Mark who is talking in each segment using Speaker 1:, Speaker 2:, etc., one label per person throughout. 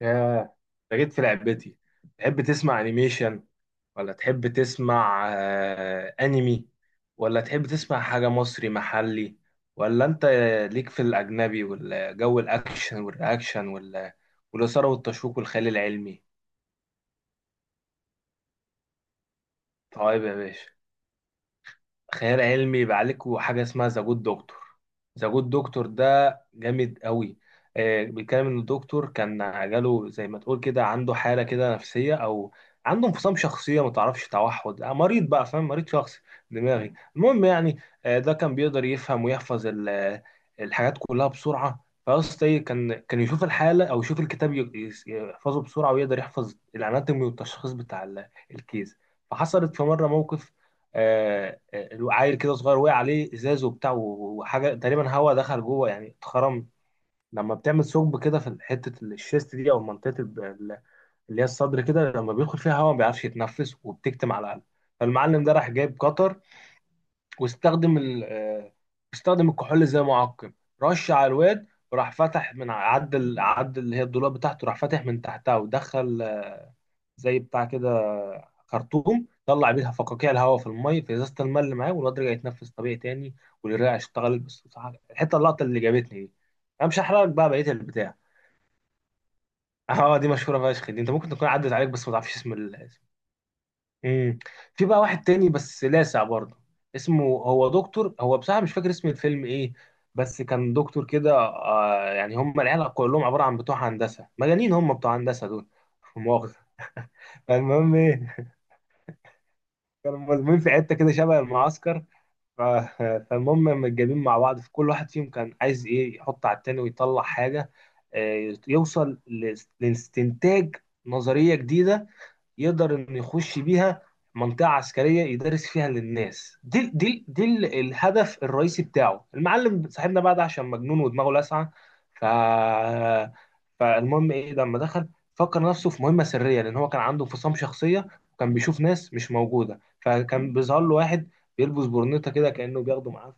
Speaker 1: ياه. ده جيت في لعبتي. تحب تسمع انيميشن، ولا تحب تسمع انمي، ولا تحب تسمع حاجة مصري محلي؟ ولا انت ليك في الاجنبي والجو الاكشن والرياكشن والاثارة والتشويق والخيال العلمي؟ طيب يا باشا، خيال علمي يبقى عليك حاجه اسمها ذا جود دكتور. ذا جود دكتور ده جامد قوي. بيتكلم ان الدكتور كان جاله زي ما تقول كده، عنده حاله كده نفسيه، او عنده انفصام شخصيه، ما تعرفش، توحد، مريض بقى، فاهم؟ مريض شخصي دماغي، المهم يعني. ده كان بيقدر يفهم ويحفظ الحاجات كلها بسرعه. فاصل ايه، كان يشوف الحاله او يشوف الكتاب يحفظه بسرعه، ويقدر يحفظ الاناتومي والتشخيص بتاع الكيس. فحصلت في مره موقف، آه، عيل كده صغير وقع عليه ازاز وبتاع وحاجه، تقريبا هوا دخل جوه يعني، اتخرم. لما بتعمل ثقب كده في حته الشيست دي، او منطقه اللي هي الصدر كده، لما بيدخل فيها هوا ما بيعرفش يتنفس، وبتكتم على القلب. فالمعلم ده راح جايب قطر، واستخدم ال آه، استخدم الكحول زي معقم، رش على الواد، وراح فتح من عدل اللي هي الدولاب بتاعته، راح فاتح من تحتها ودخل زي بتاع كده خرطوم، طلع بيها فقاقيع الهواء في الميه في ازازه الماء اللي معاه، والواد رجع يتنفس طبيعي تاني، والرئه اشتغلت. بس بصراحة اللقطه اللي جابتني دي. انا مش هحرقك بقى بقيه البتاع. اه دي مشهوره فشخ دي، انت ممكن تكون عدت عليك بس ما تعرفش الاسم. امم. في بقى واحد تاني بس لاسع برضه، اسمه هو دكتور، هو بصراحه مش فاكر اسم الفيلم ايه، بس كان دكتور كده، يعني هم العيال كلهم عباره عن بتوع هندسه مجانين، هم بتوع هندسه دول. مؤاخذة. فالمهم ايه، كانوا ملمومين في حته كده شبه المعسكر. ف- فالمهم متجابين مع بعض، فكل واحد فيهم كان عايز ايه، يحط على التاني ويطلع حاجه، يوصل لاستنتاج، نظريه جديده، يقدر انه يخش بيها منطقة عسكرية يدرس فيها للناس. الهدف الرئيسي بتاعه المعلم صاحبنا بقى ده، عشان مجنون ودماغه لاسعة. ف فالمهم ايه، لما دخل فكر نفسه في مهمة سرية، لان هو كان عنده انفصام شخصية، وكان بيشوف ناس مش موجودة، فكان بيظهر له واحد بيلبس برنيطة كده كأنه بياخده معاه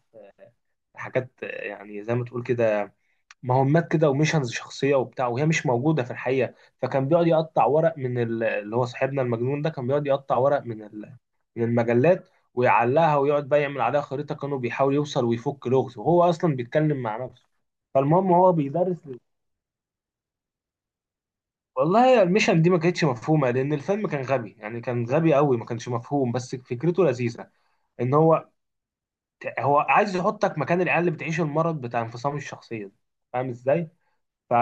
Speaker 1: في حاجات، يعني زي ما تقول كده مهمات كده وميشنز شخصيه وبتاع، وهي مش موجوده في الحقيقه. فكان بيقعد يقطع ورق من اللي هو صاحبنا المجنون ده كان بيقعد يقطع ورق من من المجلات، ويعلقها ويقعد بقى يعمل عليها خريطه، كانوا بيحاول يوصل ويفك لغز، وهو اصلا بيتكلم مع نفسه. فالمهم هو بيدرس والله الميشن دي ما كانتش مفهومه، لان الفيلم كان غبي يعني، كان غبي قوي، ما كانش مفهوم، بس فكرته لذيذه. ان هو عايز يحطك مكان العيال اللي بتعيش المرض بتاع انفصام الشخصيه ده. فاهم ازاي؟ ف...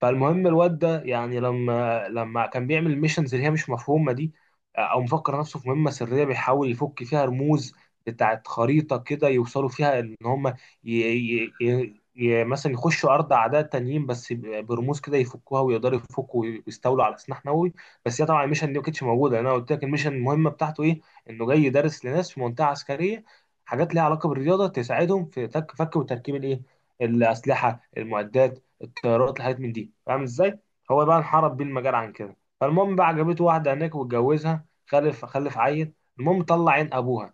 Speaker 1: فالمهم الواد ده يعني، لما كان بيعمل الميشنز اللي هي مش مفهومه دي، او مفكر نفسه في مهمه سريه بيحاول يفك فيها رموز بتاعت خريطه كده، يوصلوا فيها ان هم مثلا يخشوا ارض اعداء تانيين، بس برموز كده يفكوها، ويقدروا يفكوا ويستولوا على سلاح نووي. بس هي طبعا الميشن دي ما كانتش موجوده، لأن انا قلت لك الميشن المهمه بتاعته ايه، انه جاي يدرس لناس في منطقه عسكريه حاجات ليها علاقه بالرياضه، تساعدهم في فك وتركيب الايه، الاسلحه، المعدات، الطيارات، الحاجات من دي، فاهم ازاي؟ هو بقى انحرف بيه المجال عن كده. فالمهم بقى عجبته واحده هناك واتجوزها، خلف عيل. المهم طلع عين ابوها،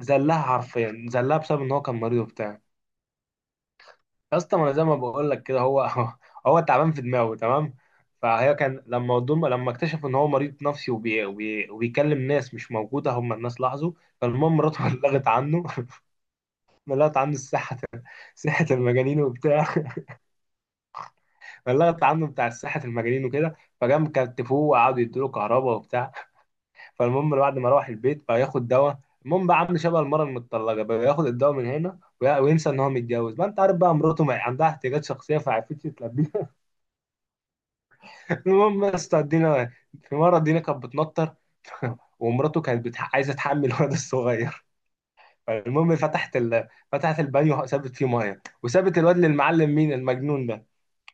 Speaker 1: زلها حرفيا، زلها بسبب ان هو كان مريض وبتاع. يا اسطى، ما انا زي ما بقول لك كده، هو هو تعبان في دماغه تمام. فهي كان لما اكتشف ان هو مريض نفسي وبيكلم ناس مش موجوده، هم الناس لاحظوا. فالمهم مراته بلغت عنه، بلغت عنه الصحه، صحه المجانين وبتاع، فاللغط عنه بتاع الساحة المجانين وكده. فجم كتفوه وقعدوا يدوا له كهرباء وبتاع. فالمهم بعد ما روح البيت بقى ياخد دواء، المهم بقى عامل شبه المرة المتطلقة بقى، ياخد الدواء من هنا وينسى ان هو متجوز، ما انت عارف بقى مراته ما عندها احتياجات شخصية فعرفتش تلبيها. المهم يا اسطى الدينا، في مرة الدينا كانت بتنطر، ومراته كانت عايزة تحمل. الولد الصغير، فالمهم فتحت فتحت البانيو، سابت فيه ميه، وسابت الواد للمعلم، مين؟ المجنون ده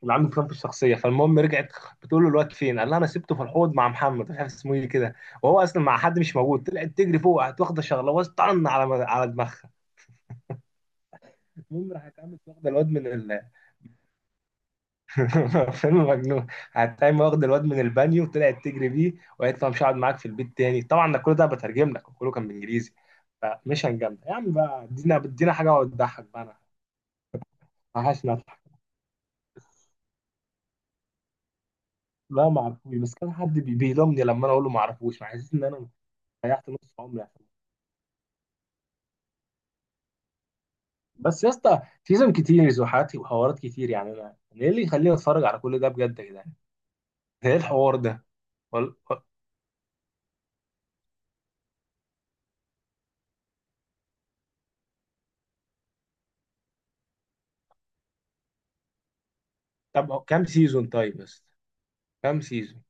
Speaker 1: اللي عنده بطاقته الشخصيه. فالمهم رجعت بتقول له الواد فين، قال لها: انا سبته في الحوض مع محمد، مش عارف اسمه ايه كده، وهو اصلا مع حد مش موجود. طلعت تجري فوق، قعدت واخده شغله طن على دماغها. المهم راحت قامت واخده الواد من فيلم مجنون. قعدت قايمه واخده الواد من البانيو، وطلعت تجري بيه، وقالت له: أنا مش هقعد معاك في البيت تاني. طبعا ده كل ده بترجم لك، وكله كان بالانجليزي. فمش هنجمع يا عم بقى، ادينا حاجه تضحك بقى، انا عشان اضحك. لا ما اعرفوش، بس كان حد بيلومني لما انا اقول له ما اعرفوش، مع اساس ان انا ضيعت نص عمري. بس يا اسطى، سيزون كتير، زحات وحوارات كتير، يعني أنا ايه اللي يخليني اتفرج على كل ده بجد يا جدعان؟ ايه الحوار ده؟ وال... طب كام سيزون طيب، بس كام سيزون؟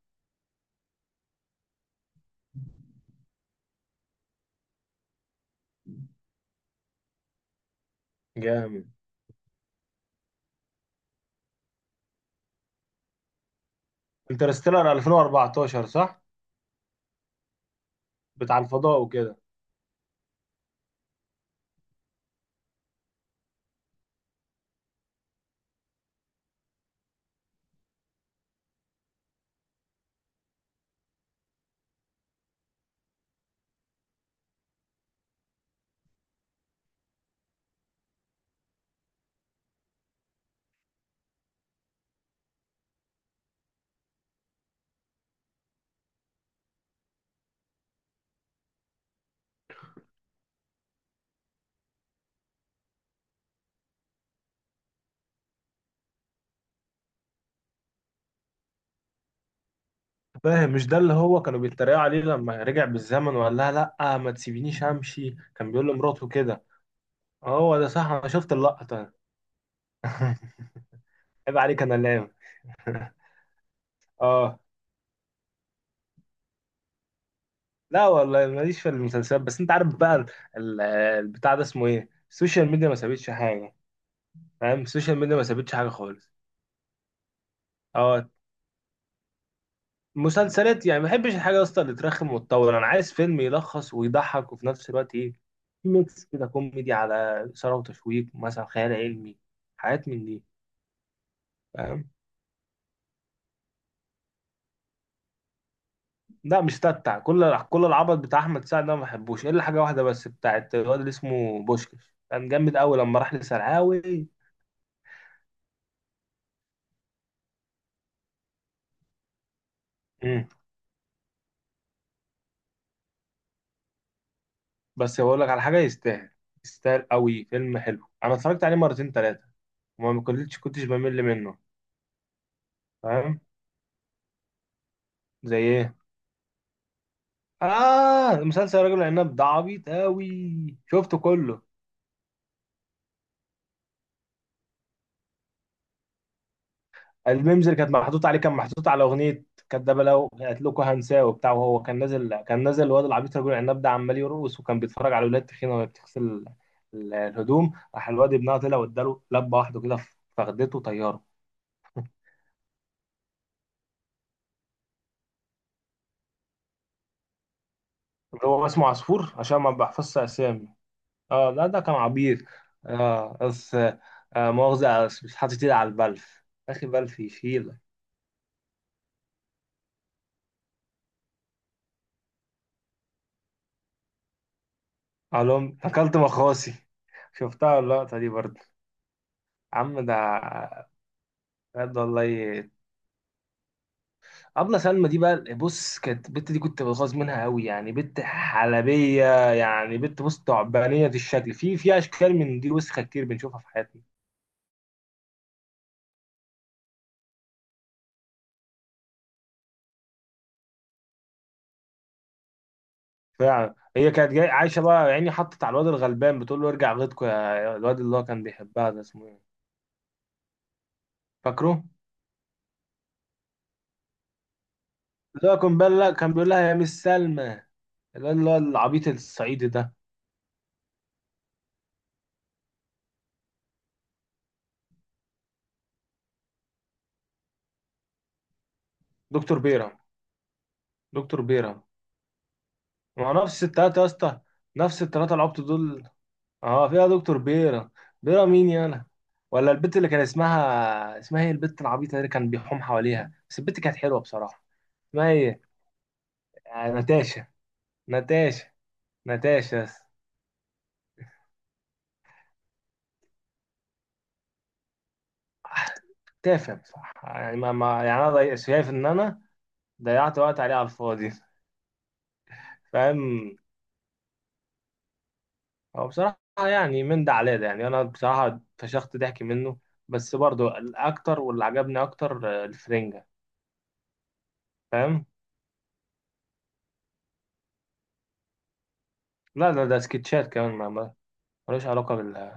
Speaker 1: جامد. انترستيلر 2014، صح؟ بتاع الفضاء وكده؟ فاهم، مش ده اللي هو كانوا بيتريقوا عليه لما رجع بالزمن وقال لها: لا ما تسيبينيش امشي، كان بيقول لمراته كده؟ هو ده صح، انا شفت اللقطة. عيب عليك انا لام. اه. لا والله، ماليش في المسلسلات، بس انت عارف بقى ال- البتاع ده اسمه ايه، السوشيال ميديا ما سابتش حاجه، فاهم؟ السوشيال ميديا ما سابتش حاجه خالص. اه. مسلسلات يعني، ما بحبش الحاجه يا اسطى اللي ترخم وتطول، انا عايز فيلم يلخص ويضحك، وفي نفس الوقت ايه، في ميكس كده كوميدي على اثاره وتشويق، مثلا خيال علمي، حاجات من دي. فاهم. لا مش تتع، كل العبط بتاع احمد سعد ده ما بحبوش، الا حاجه واحده بس بتاعت الواد اللي اسمه بوشكش، كان جامد قوي لما راح لسرعاوي. بس بقول لك على حاجه يستاهل، يستاهل قوي، فيلم حلو، انا اتفرجت عليه مرتين ثلاثه، وما كنتش بمل منه. فاهم. زي ايه؟ اه، مسلسل راجل العناب ده عبيط قوي، شفته كله. الميمز اللي كانت محطوط عليه، كان محطوط على اغنيه كدابه لو قالت لكم هنساه وبتاع، وهو كان نازل الواد العبيط رجل العناب ده عمال يرقص، وكان بيتفرج على ولاد تخينه وهي بتغسل الهدوم، راح الواد ابنها طلع واداله لبه واحده كده في فخدته طياره. اللي هو اسمه عصفور، عشان ما بحفظش اسامي. اه. لا ده كان عبيط. اه بس. مؤاخذة، بس مش حاطط ايدي على البلف، اخي بلف يشيلك. علوم اكلت مخاصي. شفتها اللقطة دي برضه. عم ده، بجد والله. ابله سلمى دي بقى، بص، كانت البت دي كنت بغاظ منها قوي، يعني بنت حلبية، يعني بنت بص تعبانية الشكل، في اشكال من دي وسخة كتير بنشوفها في حياتنا. فعلا، هي كانت جاي عايشة بقى يعني، حطت على الواد الغلبان بتقول له ارجع غيطكوا يا الواد، اللي هو كان بيحبها ده اسمه ايه؟ فاكره. اللي هو كان بيقول لها يا مس سلمى، اللي هو العبيط الصعيدي ده. دكتور بيرم. دكتور بيرم. ما هو نفس التلاتة يا اسطى، نفس التلاتة العبط دول. اه فيها دكتور بيرم. بيرم مين يانا؟ ولا البت اللي كان اسمها ايه، البت العبيطة اللي كان بيحوم حواليها، بس البت كانت حلوة بصراحة، اسمها ايه؟ ناتاشا. ناتاشا، ناتاشا يا اسطى. تافه بصراحة يعني، ما... ما... يعني انا شايف ان انا ضيعت وقت عليه على الفاضي. فاهم، هو بصراحة يعني من ده على ده، يعني أنا بصراحة فشخت ضحك منه. بس برضه الأكتر، واللي عجبني أكتر الفرنجة. فاهم؟ لا، ده سكتشات كمان، ملوش علاقة بال.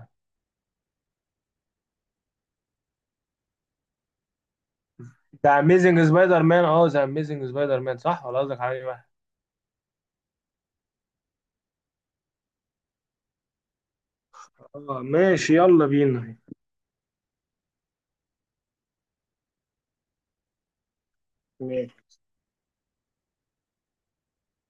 Speaker 1: ده أميزنج سبايدر مان؟ أه، ذا أميزنج سبايدر مان، صح؟ ولا قصدك على أي واحد؟ اه ماشي، يلا بينا.